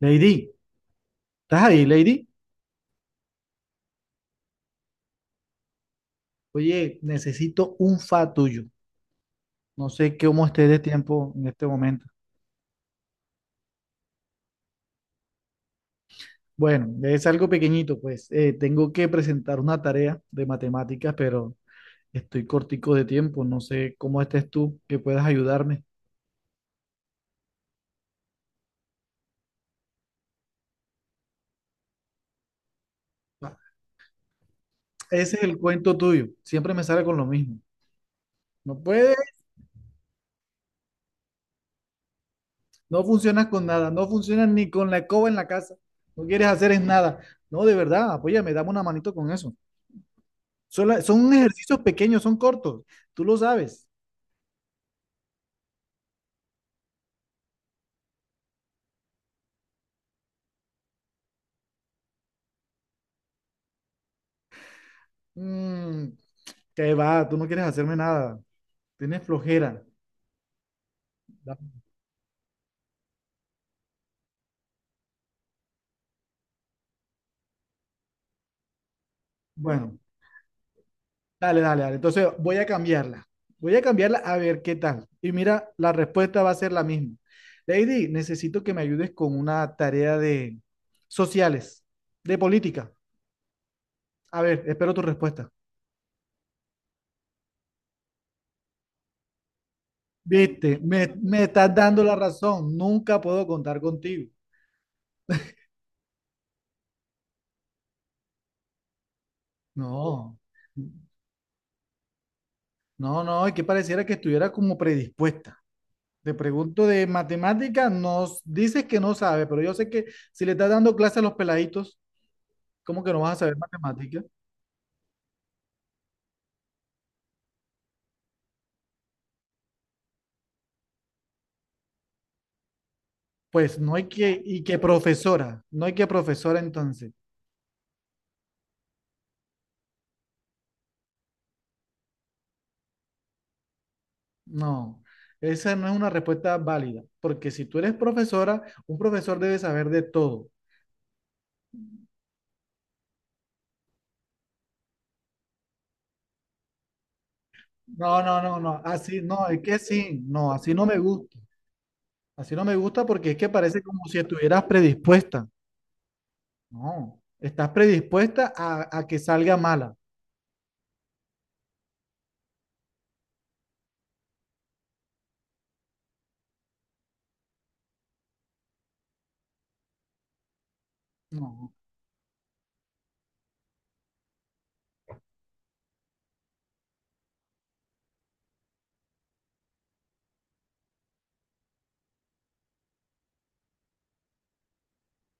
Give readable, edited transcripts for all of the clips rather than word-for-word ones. Lady, ¿estás ahí, Lady? Oye, necesito un fa tuyo. No sé cómo esté de tiempo en este momento. Bueno, es algo pequeñito, pues. Tengo que presentar una tarea de matemáticas, pero estoy cortico de tiempo. No sé cómo estés tú, que puedas ayudarme. Ah, ese es el cuento tuyo. Siempre me sale con lo mismo. No puedes, no funcionas con nada. No funcionas ni con la escoba en la casa. No quieres hacer es nada. No, de verdad, apóyame, dame una manito con eso. Son, son ejercicios pequeños, son cortos. Tú lo sabes. Mm, que va, tú no quieres hacerme nada. Tienes flojera. Da- Bueno, dale, dale, dale. Entonces voy a cambiarla. Voy a cambiarla a ver qué tal. Y mira, la respuesta va a ser la misma. Lady, necesito que me ayudes con una tarea de sociales, de política. A ver, espero tu respuesta. Viste, me estás dando la razón. Nunca puedo contar contigo. No. No, no, es que pareciera que estuviera como predispuesta. Te pregunto de matemáticas. Nos dices que no sabes, pero yo sé que si le estás dando clases a los peladitos, ¿cómo que no vas a saber matemáticas? Pues no hay que, y que profesora, no hay que profesora entonces. No, esa no es una respuesta válida, porque si tú eres profesora, un profesor debe saber de todo. No, no, no, no, así no, es que sí, no, así no me gusta. Así no me gusta porque es que parece como si estuvieras predispuesta. No, estás predispuesta a que salga mala. No,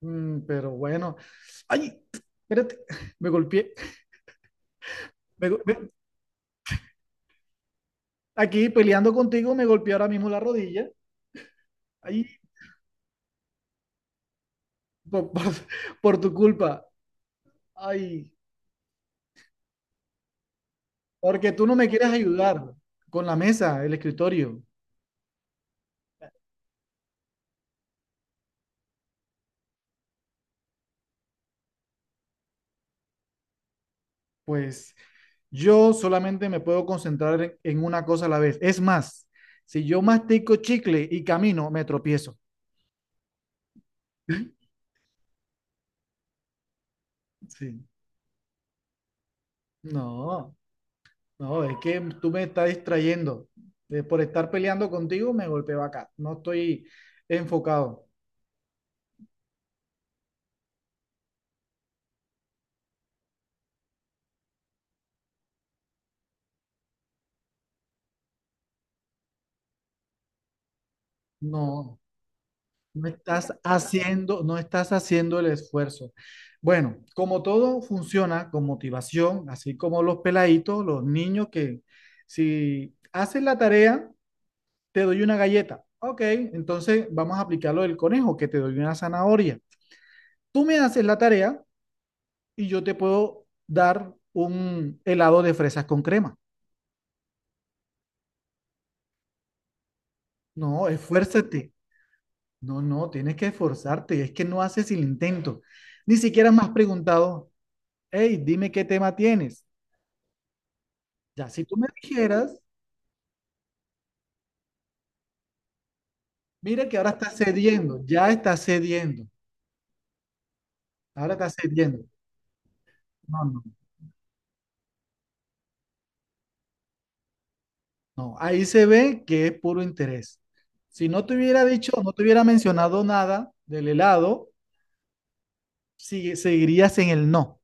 mm, pero bueno. Ay, espérate, me golpeé. Me go- me- Aquí peleando contigo me golpeé ahora mismo la rodilla. Ay, por, por- por tu culpa. Ay, porque tú no me quieres ayudar con la mesa, el escritorio. Pues yo solamente me puedo concentrar en una cosa a la vez. Es más, si yo mastico chicle y camino, me tropiezo. Sí. No. No, es que tú me estás distrayendo. Por estar peleando contigo me golpeo acá. No estoy enfocado. No, no estás haciendo el esfuerzo. Bueno, como todo funciona con motivación, así como los peladitos, los niños que si haces la tarea, te doy una galleta. Ok, entonces vamos a aplicar lo del conejo, que te doy una zanahoria. Tú me haces la tarea y yo te puedo dar un helado de fresas con crema. No, esfuérzate. No, no, tienes que esforzarte. Es que no haces el intento. Ni siquiera me has preguntado, hey, dime qué tema tienes. Ya, si tú me dijeras, mira que ahora estás cediendo, ya estás cediendo, ahora estás cediendo. No, no, no. Ahí se ve que es puro interés. Si no te hubiera dicho, no te hubiera mencionado nada del helado, seguirías en el no.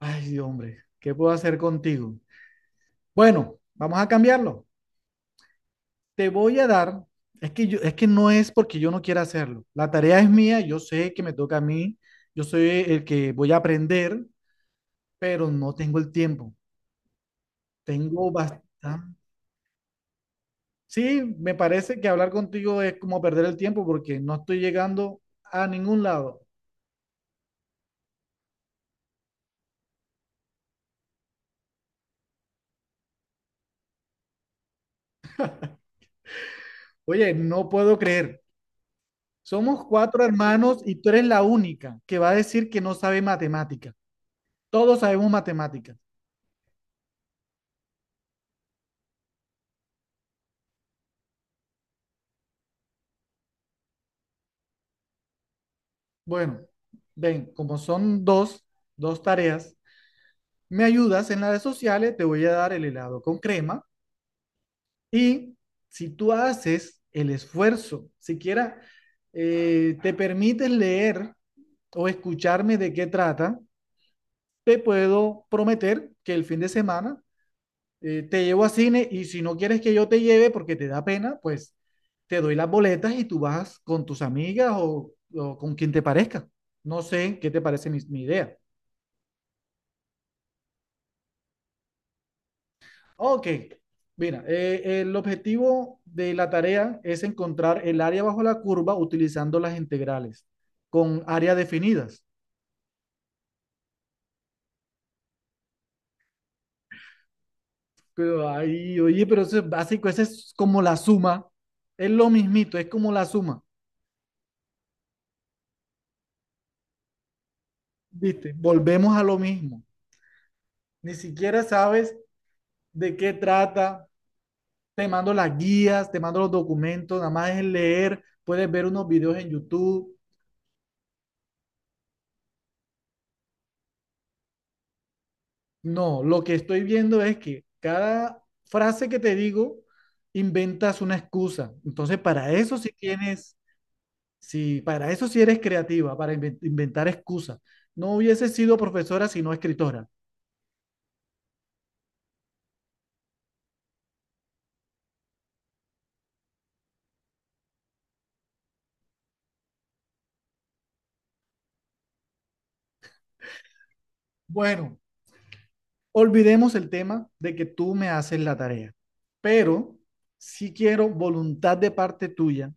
Ay, hombre, ¿qué puedo hacer contigo? Bueno, vamos a cambiarlo. Te voy a dar, es que no es porque yo no quiera hacerlo. La tarea es mía, yo sé que me toca a mí, yo soy el que voy a aprender, pero no tengo el tiempo. Tengo bastante. Sí, me parece que hablar contigo es como perder el tiempo porque no estoy llegando a ningún lado. Oye, no puedo creer. Somos cuatro hermanos y tú eres la única que va a decir que no sabe matemática. Todos sabemos matemáticas. Bueno, ven, como son dos, dos tareas. Me ayudas en las redes sociales, te voy a dar el helado con crema. Y si tú haces el esfuerzo, siquiera te permites leer o escucharme de qué trata, te puedo prometer que el fin de semana te llevo a cine y si no quieres que yo te lleve porque te da pena, pues te doy las boletas y tú vas con tus amigas o con quien te parezca. No sé qué te parece mi idea. Ok, mira, el objetivo de la tarea es encontrar el área bajo la curva utilizando las integrales con áreas definidas. Pero, ay, oye, pero eso es básico, eso es como la suma, es lo mismito, es como la suma, ¿viste? Volvemos a lo mismo. Ni siquiera sabes de qué trata, te mando las guías, te mando los documentos, nada más es leer, puedes ver unos videos en YouTube. No, lo que estoy viendo es que cada frase que te digo inventas una excusa. Entonces, para eso sí tienes, sí, para eso sí eres creativa, para inventar excusas. No hubiese sido profesora sino escritora. Bueno, olvidemos el tema de que tú me haces la tarea, pero sí quiero voluntad de parte tuya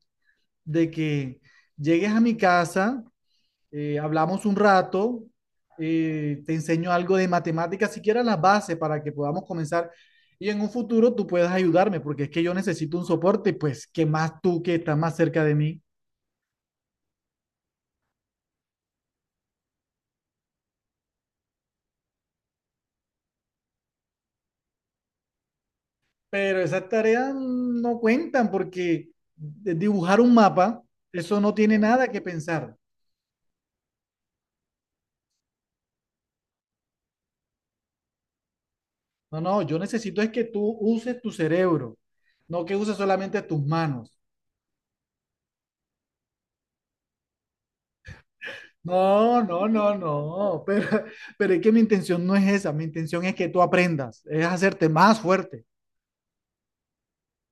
de que llegues a mi casa, hablamos un rato, te enseño algo de matemáticas, siquiera las bases para que podamos comenzar y en un futuro tú puedas ayudarme, porque es que yo necesito un soporte, pues que más tú que estás más cerca de mí. Pero esas tareas no cuentan porque dibujar un mapa, eso no tiene nada que pensar. No, no, yo necesito es que tú uses tu cerebro, no que uses solamente tus manos. No, no, no, no, pero, pero es que mi intención no es esa, mi intención es que tú aprendas, es hacerte más fuerte.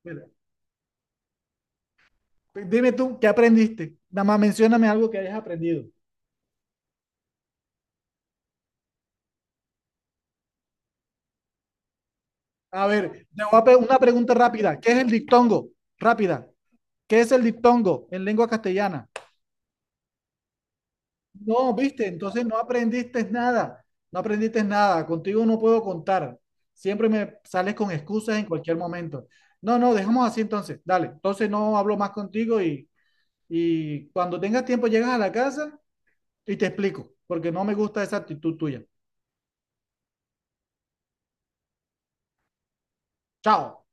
Mira, dime tú, ¿qué aprendiste? Nada más mencióname algo que hayas aprendido. A ver, te voy a una pregunta rápida, ¿qué es el diptongo? Rápida, ¿qué es el diptongo en lengua castellana? No, viste, entonces no aprendiste nada, no aprendiste nada, contigo no puedo contar, siempre me sales con excusas en cualquier momento. No, no, dejamos así entonces, dale, entonces no hablo más contigo y... Y cuando tengas tiempo llegas a la casa y te explico, porque no me gusta esa actitud tuya. Chao.